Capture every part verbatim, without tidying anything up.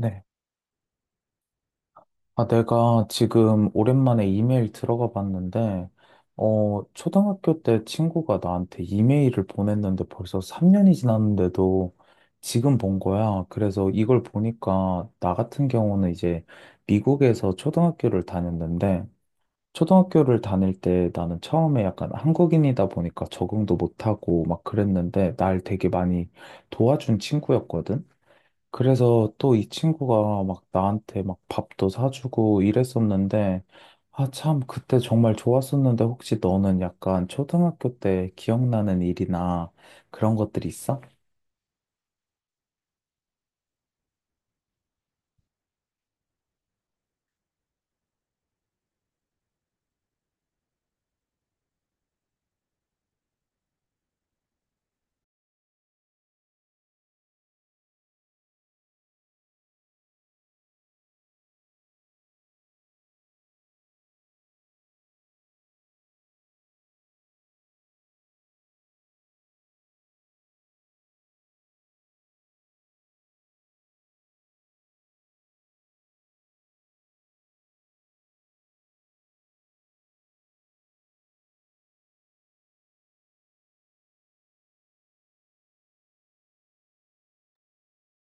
네. 아, 내가 지금 오랜만에 이메일 들어가 봤는데, 어, 초등학교 때 친구가 나한테 이메일을 보냈는데 벌써 삼 년이 지났는데도 지금 본 거야. 그래서 이걸 보니까 나 같은 경우는 이제 미국에서 초등학교를 다녔는데, 초등학교를 다닐 때 나는 처음에 약간 한국인이다 보니까 적응도 못하고 막 그랬는데, 날 되게 많이 도와준 친구였거든. 그래서 또 이 친구가 막 나한테 막 밥도 사주고 이랬었는데, 아, 참, 그때 정말 좋았었는데, 혹시 너는 약간 초등학교 때 기억나는 일이나 그런 것들 있어?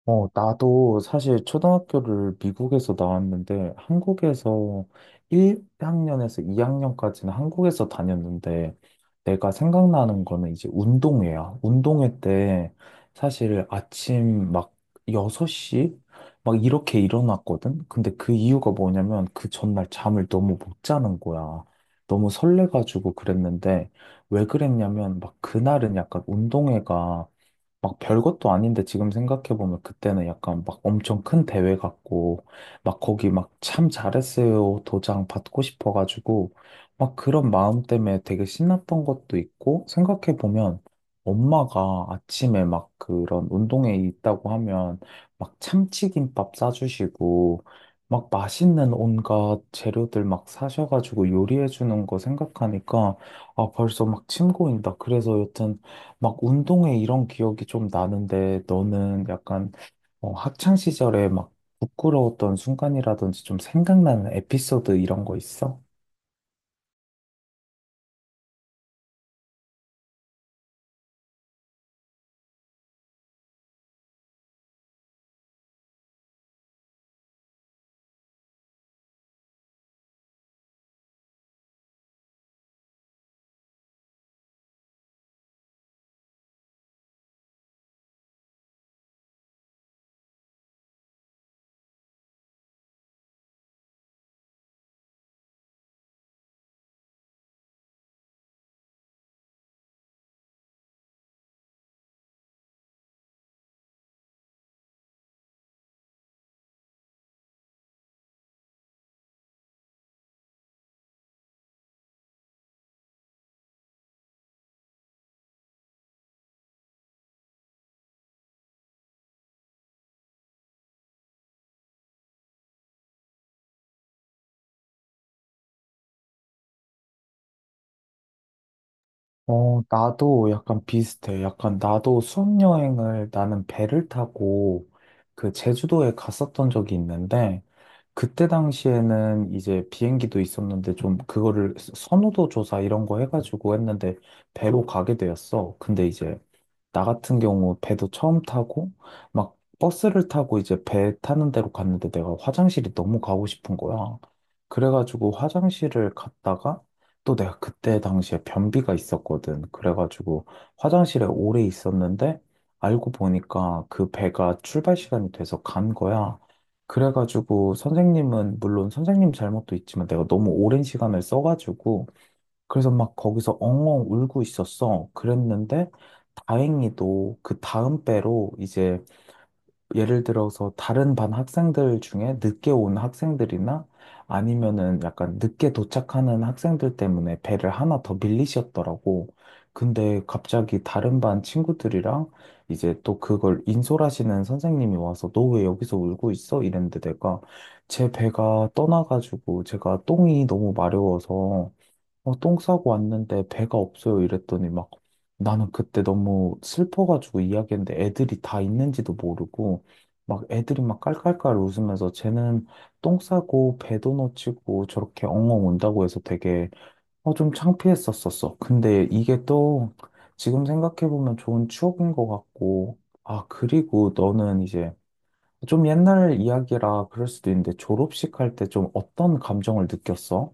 어, 나도 사실 초등학교를 미국에서 나왔는데, 한국에서 일 학년에서 이 학년까지는 한국에서 다녔는데, 내가 생각나는 거는 이제 운동회야. 운동회 때 사실 아침 막 여섯 시 막 이렇게 일어났거든. 근데 그 이유가 뭐냐면 그 전날 잠을 너무 못 자는 거야. 너무 설레가지고 그랬는데, 왜 그랬냐면 막 그날은 약간 운동회가 막 별것도 아닌데, 지금 생각해보면 그때는 약간 막 엄청 큰 대회 같고, 막 거기 막 참 잘했어요 도장 받고 싶어가지고, 막 그런 마음 때문에 되게 신났던 것도 있고. 생각해보면 엄마가 아침에 막 그런 운동회 있다고 하면 막 참치김밥 싸주시고, 막 맛있는 온갖 재료들 막 사셔가지고 요리해주는 거 생각하니까, 아 벌써 막 침 고인다. 그래서 여튼 막 운동회 이런 기억이 좀 나는데, 너는 약간 어, 학창 시절에 막 부끄러웠던 순간이라든지 좀 생각나는 에피소드 이런 거 있어? 어, 나도 약간 비슷해. 약간 나도 수학여행을, 나는 배를 타고 그 제주도에 갔었던 적이 있는데, 그때 당시에는 이제 비행기도 있었는데 좀 그거를 서- 선호도 조사 이런 거 해가지고 했는데 배로 가게 되었어. 근데 이제 나 같은 경우 배도 처음 타고, 막 버스를 타고 이제 배 타는 데로 갔는데 내가 화장실이 너무 가고 싶은 거야. 그래가지고 화장실을 갔다가, 또 내가 그때 당시에 변비가 있었거든. 그래가지고 화장실에 오래 있었는데, 알고 보니까 그 배가 출발 시간이 돼서 간 거야. 그래가지고 선생님은, 물론 선생님 잘못도 있지만 내가 너무 오랜 시간을 써가지고, 그래서 막 거기서 엉엉 울고 있었어. 그랬는데 다행히도 그 다음 배로 이제, 예를 들어서 다른 반 학생들 중에 늦게 온 학생들이나 아니면은 약간 늦게 도착하는 학생들 때문에 배를 하나 더 밀리셨더라고. 근데 갑자기 다른 반 친구들이랑 이제 또 그걸 인솔하시는 선생님이 와서, 너 왜 여기서 울고 있어? 이랬는데 내가 제 배가 떠나가지고, 제가 똥이 너무 마려워서 어, 똥 싸고 왔는데 배가 없어요 이랬더니, 막 나는 그때 너무 슬퍼가지고 이야기했는데 애들이 다 있는지도 모르고, 막 애들이 막 깔깔깔 웃으면서 쟤는 똥 싸고 배도 놓치고 저렇게 엉엉 운다고 해서 되게 어, 좀 창피했었었어. 근데 이게 또 지금 생각해보면 좋은 추억인 것 같고. 아, 그리고 너는 이제 좀 옛날 이야기라 그럴 수도 있는데, 졸업식 할 때 좀 어떤 감정을 느꼈어?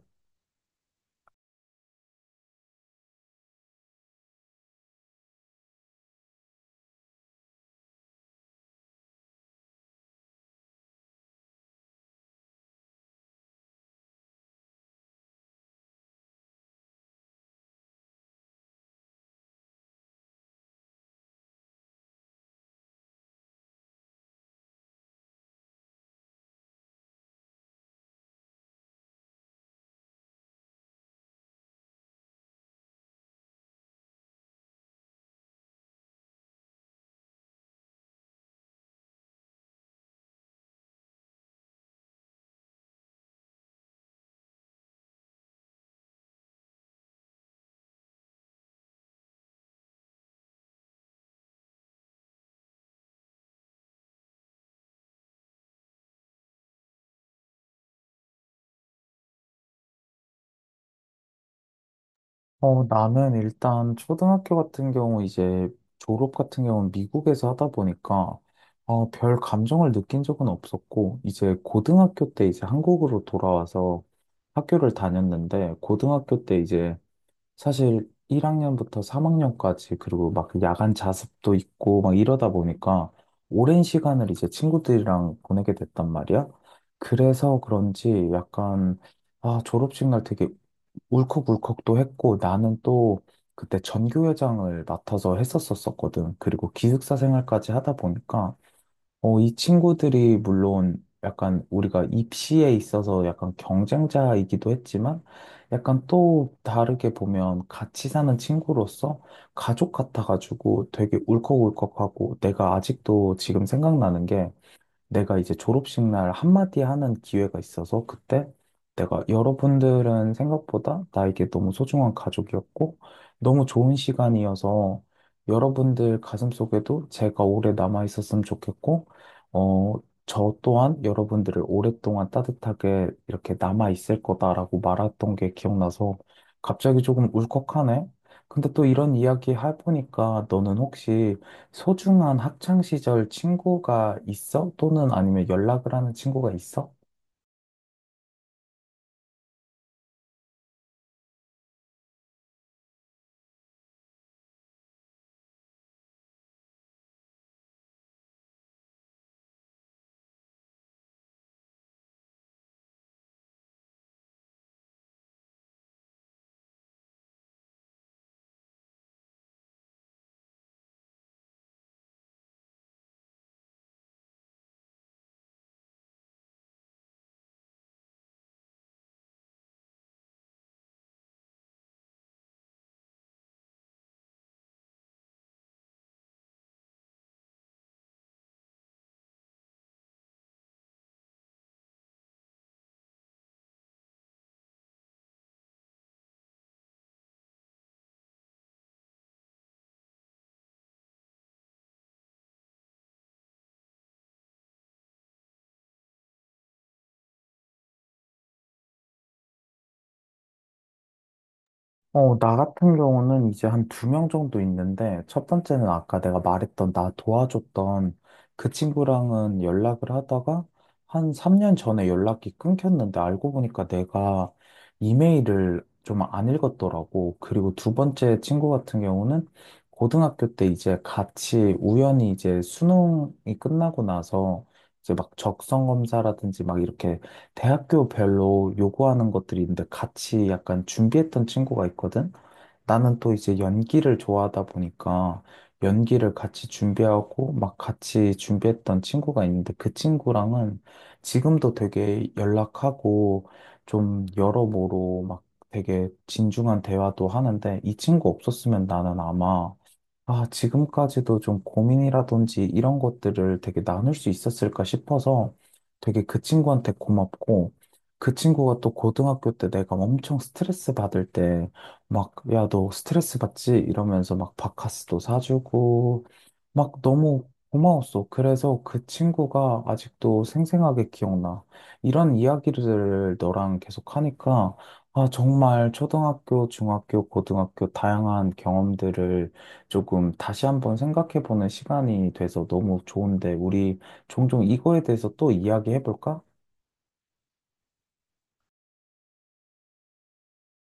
어, 나는 일단 초등학교 같은 경우, 이제 졸업 같은 경우는 미국에서 하다 보니까 어, 별 감정을 느낀 적은 없었고, 이제 고등학교 때 이제 한국으로 돌아와서 학교를 다녔는데, 고등학교 때 이제 사실 일 학년부터 삼 학년까지, 그리고 막 야간 자습도 있고 막 이러다 보니까 오랜 시간을 이제 친구들이랑 보내게 됐단 말이야. 그래서 그런지 약간, 아, 졸업식 날 되게 울컥울컥도 했고. 나는 또 그때 전교회장을 맡아서 했었었거든. 그리고 기숙사 생활까지 하다 보니까 어, 이 친구들이 물론 약간 우리가 입시에 있어서 약간 경쟁자이기도 했지만, 약간 또 다르게 보면 같이 사는 친구로서 가족 같아가지고 되게 울컥울컥하고. 내가 아직도 지금 생각나는 게, 내가 이제 졸업식 날 한마디 하는 기회가 있어서, 그때 내가 여러분들은 생각보다 나에게 너무 소중한 가족이었고, 너무 좋은 시간이어서 여러분들 가슴속에도 제가 오래 남아 있었으면 좋겠고, 어, 저 또한 여러분들을 오랫동안 따뜻하게 이렇게 남아 있을 거다라고 말했던 게 기억나서 갑자기 조금 울컥하네. 근데 또 이런 이야기 해보니까, 너는 혹시 소중한 학창 시절 친구가 있어? 또는 아니면 연락을 하는 친구가 있어? 어, 나 같은 경우는 이제 한 두 명 정도 있는데, 첫 번째는 아까 내가 말했던 나 도와줬던 그 친구랑은 연락을 하다가 한 삼 년 전에 연락이 끊겼는데, 알고 보니까 내가 이메일을 좀 안 읽었더라고. 그리고 두 번째 친구 같은 경우는, 고등학교 때 이제 같이, 우연히 이제 수능이 끝나고 나서 이제 막 적성 검사라든지 막 이렇게 대학교별로 요구하는 것들이 있는데, 같이 약간 준비했던 친구가 있거든? 나는 또 이제 연기를 좋아하다 보니까 연기를 같이 준비하고, 막 같이 준비했던 친구가 있는데, 그 친구랑은 지금도 되게 연락하고 좀 여러모로 막 되게 진중한 대화도 하는데, 이 친구 없었으면 나는 아마, 아, 지금까지도 좀 고민이라든지 이런 것들을 되게 나눌 수 있었을까 싶어서 되게 그 친구한테 고맙고. 그 친구가 또 고등학교 때 내가 엄청 스트레스 받을 때 막, 야, 너 스트레스 받지? 이러면서 막 바카스도 사주고 막 너무 고마웠어. 그래서 그 친구가 아직도 생생하게 기억나. 이런 이야기를 너랑 계속 하니까 아, 정말 초등학교, 중학교, 고등학교 다양한 경험들을 조금 다시 한번 생각해보는 시간이 돼서 너무 좋은데, 우리 종종 이거에 대해서 또 이야기해볼까?